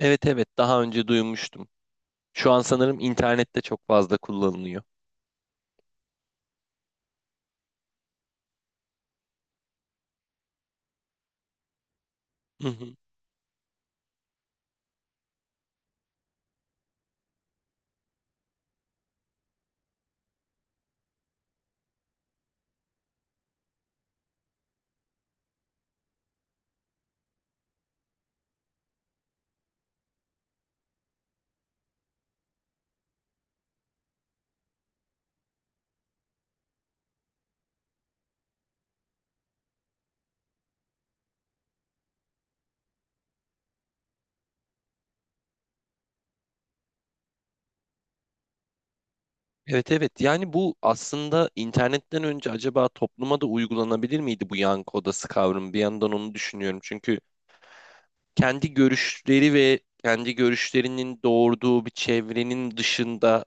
Evet, evet, daha önce duymuştum. Şu an sanırım internette çok fazla kullanılıyor. Hı hı. Evet, evet, yani bu aslında internetten önce acaba topluma da uygulanabilir miydi bu yankı odası kavramı? Bir yandan onu düşünüyorum. Çünkü kendi görüşleri ve kendi görüşlerinin doğurduğu bir çevrenin dışında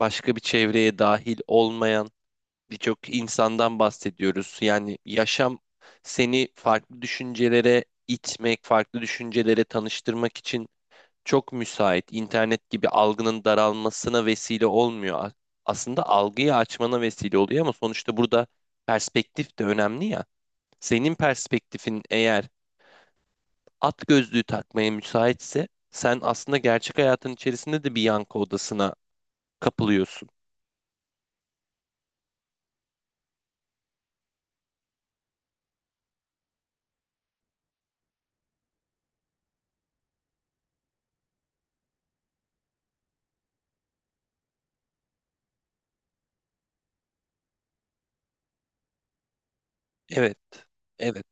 başka bir çevreye dahil olmayan birçok insandan bahsediyoruz. Yani yaşam seni farklı düşüncelere itmek, farklı düşüncelere tanıştırmak için çok müsait. İnternet gibi algının daralmasına vesile olmuyor. Aslında algıyı açmana vesile oluyor ama sonuçta burada perspektif de önemli ya. Senin perspektifin eğer at gözlüğü takmaya müsaitse sen aslında gerçek hayatın içerisinde de bir yankı odasına kapılıyorsun. Evet, evet,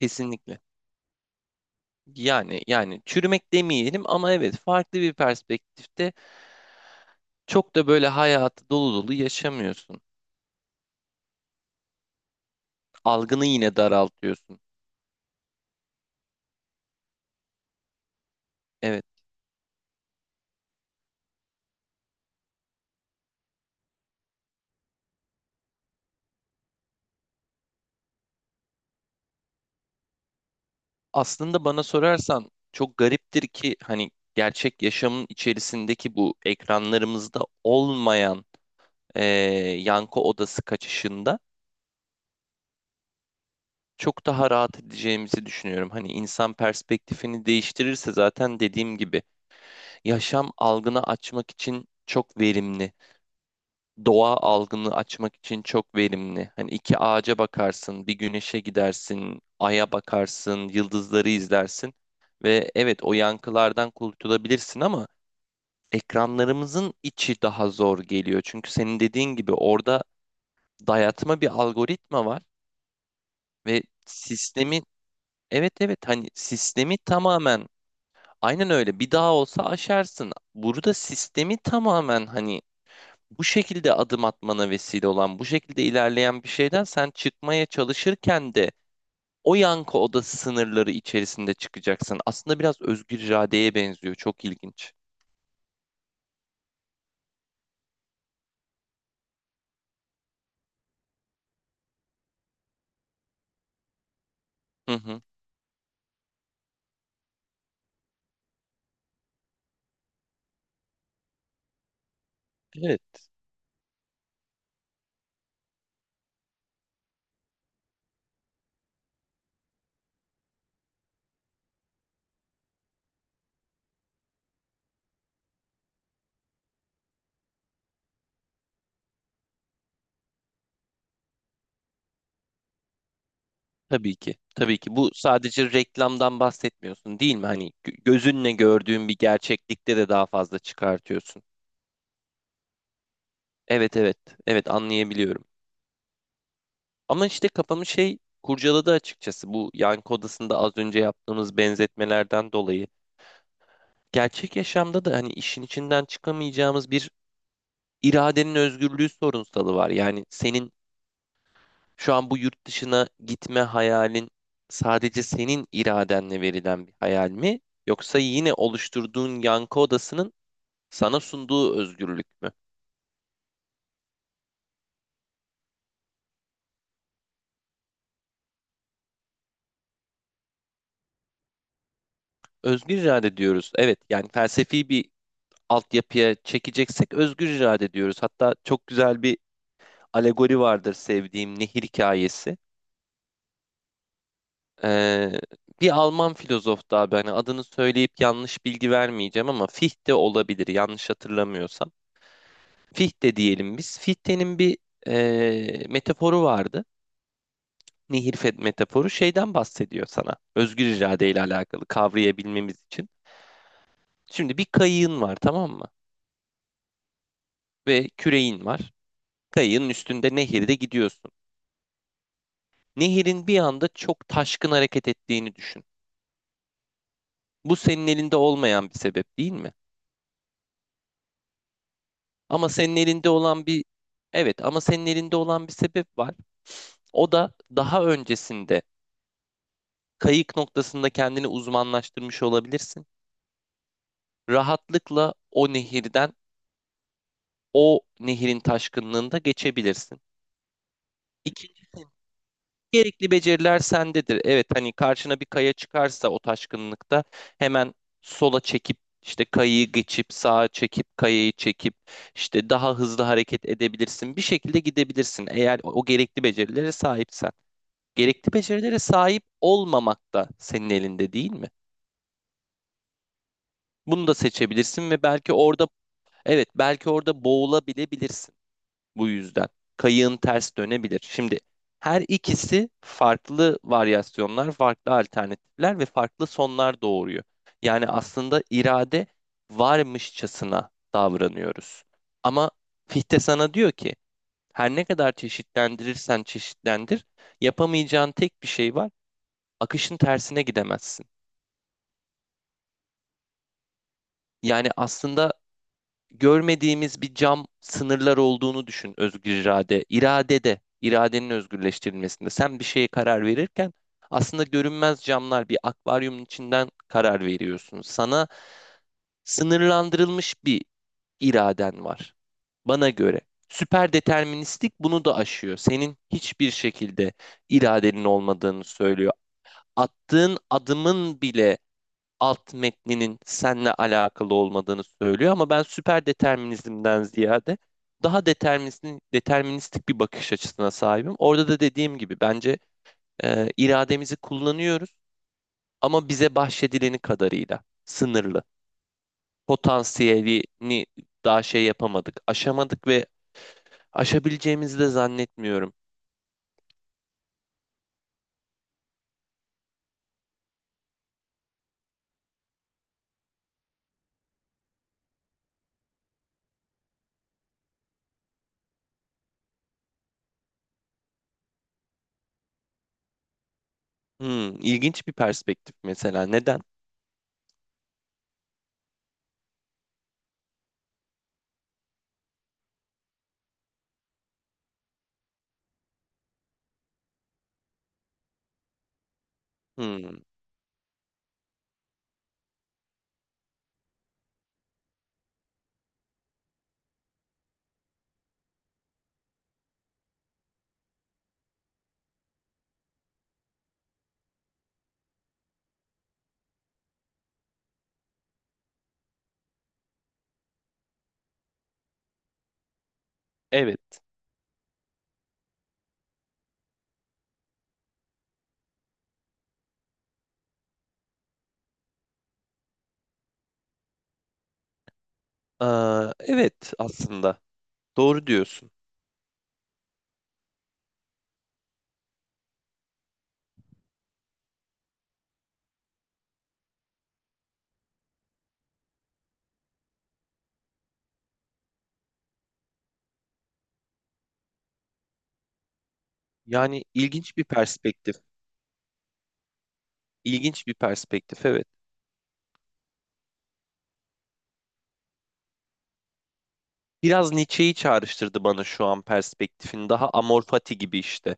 kesinlikle. Yani çürümek demeyelim ama evet, farklı bir perspektifte çok da böyle hayatı dolu dolu yaşamıyorsun. Algını yine daraltıyorsun. Evet. Aslında bana sorarsan çok gariptir ki hani gerçek yaşamın içerisindeki bu ekranlarımızda olmayan eee yankı odası kaçışında çok daha rahat edeceğimizi düşünüyorum. Hani insan perspektifini değiştirirse zaten dediğim gibi yaşam algını açmak için çok verimli. Doğa algını açmak için çok verimli. Hani iki ağaca bakarsın, bir güneşe gidersin, aya bakarsın, yıldızları izlersin ve evet, o yankılardan kurtulabilirsin ama ekranlarımızın içi daha zor geliyor. Çünkü senin dediğin gibi orada dayatma bir algoritma var ve sistemi, evet, evet, hani sistemi tamamen aynen öyle, bir daha olsa aşarsın. Burada sistemi tamamen hani bu şekilde adım atmana vesile olan, bu şekilde ilerleyen bir şeyden sen çıkmaya çalışırken de o yankı odası sınırları içerisinde çıkacaksın. Aslında biraz özgür iradeye benziyor. Çok ilginç. Hı hı. Evet. Tabii ki. Tabii ki. Bu sadece reklamdan bahsetmiyorsun değil mi? Hani gözünle gördüğün bir gerçeklikte de daha fazla çıkartıyorsun. Evet, evet. Evet, anlayabiliyorum. Ama işte kafamı şey kurcaladı açıkçası. Bu yankı odasında az önce yaptığımız benzetmelerden dolayı. Gerçek yaşamda da hani işin içinden çıkamayacağımız bir iradenin özgürlüğü sorunsalı var. Yani senin Şu an bu yurt dışına gitme hayalin sadece senin iradenle verilen bir hayal mi? Yoksa yine oluşturduğun yankı odasının sana sunduğu özgürlük mü? Özgür irade diyoruz. Evet, yani felsefi bir altyapıya çekeceksek özgür irade diyoruz. Hatta çok güzel bir alegori vardır sevdiğim, nehir hikayesi. Ee, Bir Alman filozof, daha ben adını söyleyip yanlış bilgi vermeyeceğim ama Fichte olabilir yanlış hatırlamıyorsam. Fichte diyelim biz. Fichte'nin bir metaforu vardı. Metaforu şeyden bahsediyor sana. Özgür irade ile alakalı kavrayabilmemiz için. Şimdi bir kayığın var, tamam mı? Ve küreğin var. Kayığın üstünde nehirde gidiyorsun. Nehirin bir anda çok taşkın hareket ettiğini düşün. Bu senin elinde olmayan bir sebep değil mi? Ama senin elinde olan bir evet ama senin elinde olan bir sebep var. O da daha öncesinde kayık noktasında kendini uzmanlaştırmış olabilirsin. Rahatlıkla o nehirden, o nehirin taşkınlığında geçebilirsin. İkincisi, gerekli beceriler sendedir. Evet, hani karşına bir kaya çıkarsa o taşkınlıkta hemen sola çekip işte kayayı geçip, sağa çekip kayayı çekip işte daha hızlı hareket edebilirsin. Bir şekilde gidebilirsin eğer o gerekli becerilere sahipsen. Gerekli becerilere sahip olmamak da senin elinde değil mi? Bunu da seçebilirsin ve belki orada, evet, belki orada boğulabilebilirsin. Bu yüzden kayığın ters dönebilir. Şimdi her ikisi farklı varyasyonlar, farklı alternatifler ve farklı sonlar doğuruyor. Yani aslında irade varmışçasına davranıyoruz. Ama Fichte sana diyor ki her ne kadar çeşitlendirirsen çeşitlendir, yapamayacağın tek bir şey var. Akışın tersine gidemezsin. Yani aslında görmediğimiz bir cam sınırlar olduğunu düşün özgür irade. İradede, iradenin özgürleştirilmesinde. Sen bir şeye karar verirken aslında görünmez camlar, bir akvaryumun içinden karar veriyorsun. Sana sınırlandırılmış bir iraden var. Bana göre. Süper deterministlik bunu da aşıyor. Senin hiçbir şekilde iradenin olmadığını söylüyor. Attığın adımın bile alt metninin seninle alakalı olmadığını söylüyor ama ben süper determinizmden ziyade daha deterministik bir bakış açısına sahibim. Orada da dediğim gibi bence irademizi kullanıyoruz ama bize bahşedileni kadarıyla sınırlı. Potansiyelini daha şey yapamadık, aşamadık ve aşabileceğimizi de zannetmiyorum. Hmm, ilginç bir perspektif mesela. Neden? Hmm, evet. Aa, evet aslında. Doğru diyorsun. Yani ilginç bir perspektif. İlginç bir perspektif, evet. Biraz Nietzsche'yi çağrıştırdı bana şu an perspektifin. Daha Amor Fati gibi işte.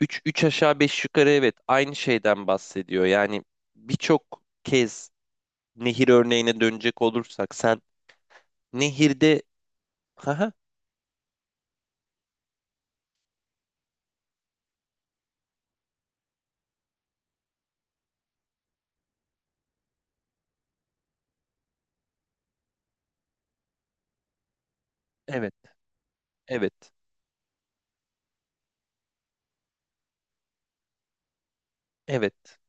3 3 aşağı 5 yukarı evet, aynı şeyden bahsediyor. Yani birçok kez nehir örneğine dönecek olursak sen nehirde Haha. Evet, evet, evet,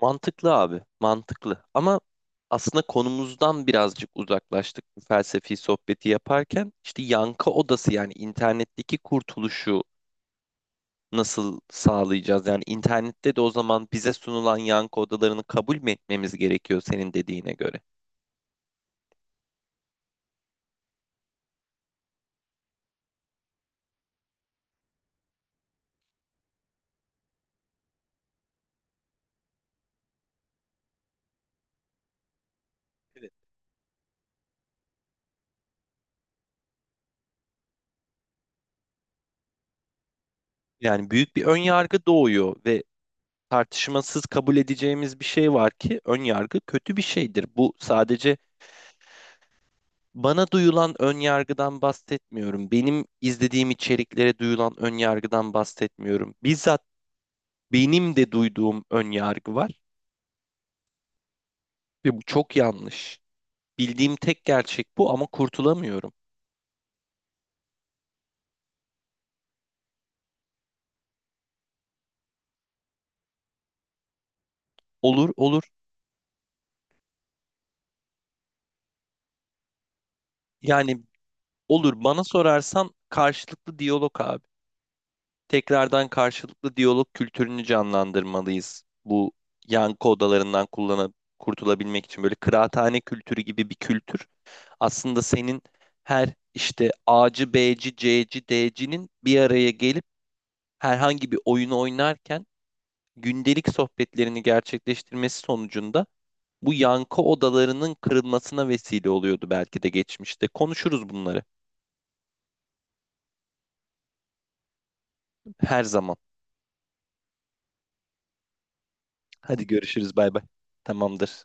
mantıklı abi, mantıklı ama aslında konumuzdan birazcık uzaklaştık bu felsefi sohbeti yaparken. İşte yankı odası, yani internetteki kurtuluşu nasıl sağlayacağız? Yani internette de o zaman bize sunulan yankı odalarını kabul mü etmemiz gerekiyor senin dediğine göre? Evet. Yani büyük bir ön yargı doğuyor ve tartışmasız kabul edeceğimiz bir şey var ki ön yargı kötü bir şeydir. Bu sadece Bana duyulan ön yargıdan bahsetmiyorum. Benim izlediğim içeriklere duyulan ön yargıdan bahsetmiyorum. Bizzat benim de duyduğum ön yargı var ve bu çok yanlış. Bildiğim tek gerçek bu ama kurtulamıyorum. Olur, olur. Yani olur bana sorarsan, karşılıklı diyalog abi. Tekrardan karşılıklı diyalog kültürünü canlandırmalıyız. Bu yankı odalarından kullanıp kurtulabilmek için böyle kıraathane kültürü gibi bir kültür. Aslında senin her işte A'cı, B'ci, C'ci, D'cinin bir araya gelip herhangi bir oyunu oynarken gündelik sohbetlerini gerçekleştirmesi sonucunda bu yankı odalarının kırılmasına vesile oluyordu belki de geçmişte. Konuşuruz bunları her zaman. Hadi görüşürüz, bay bay. Tamamdır.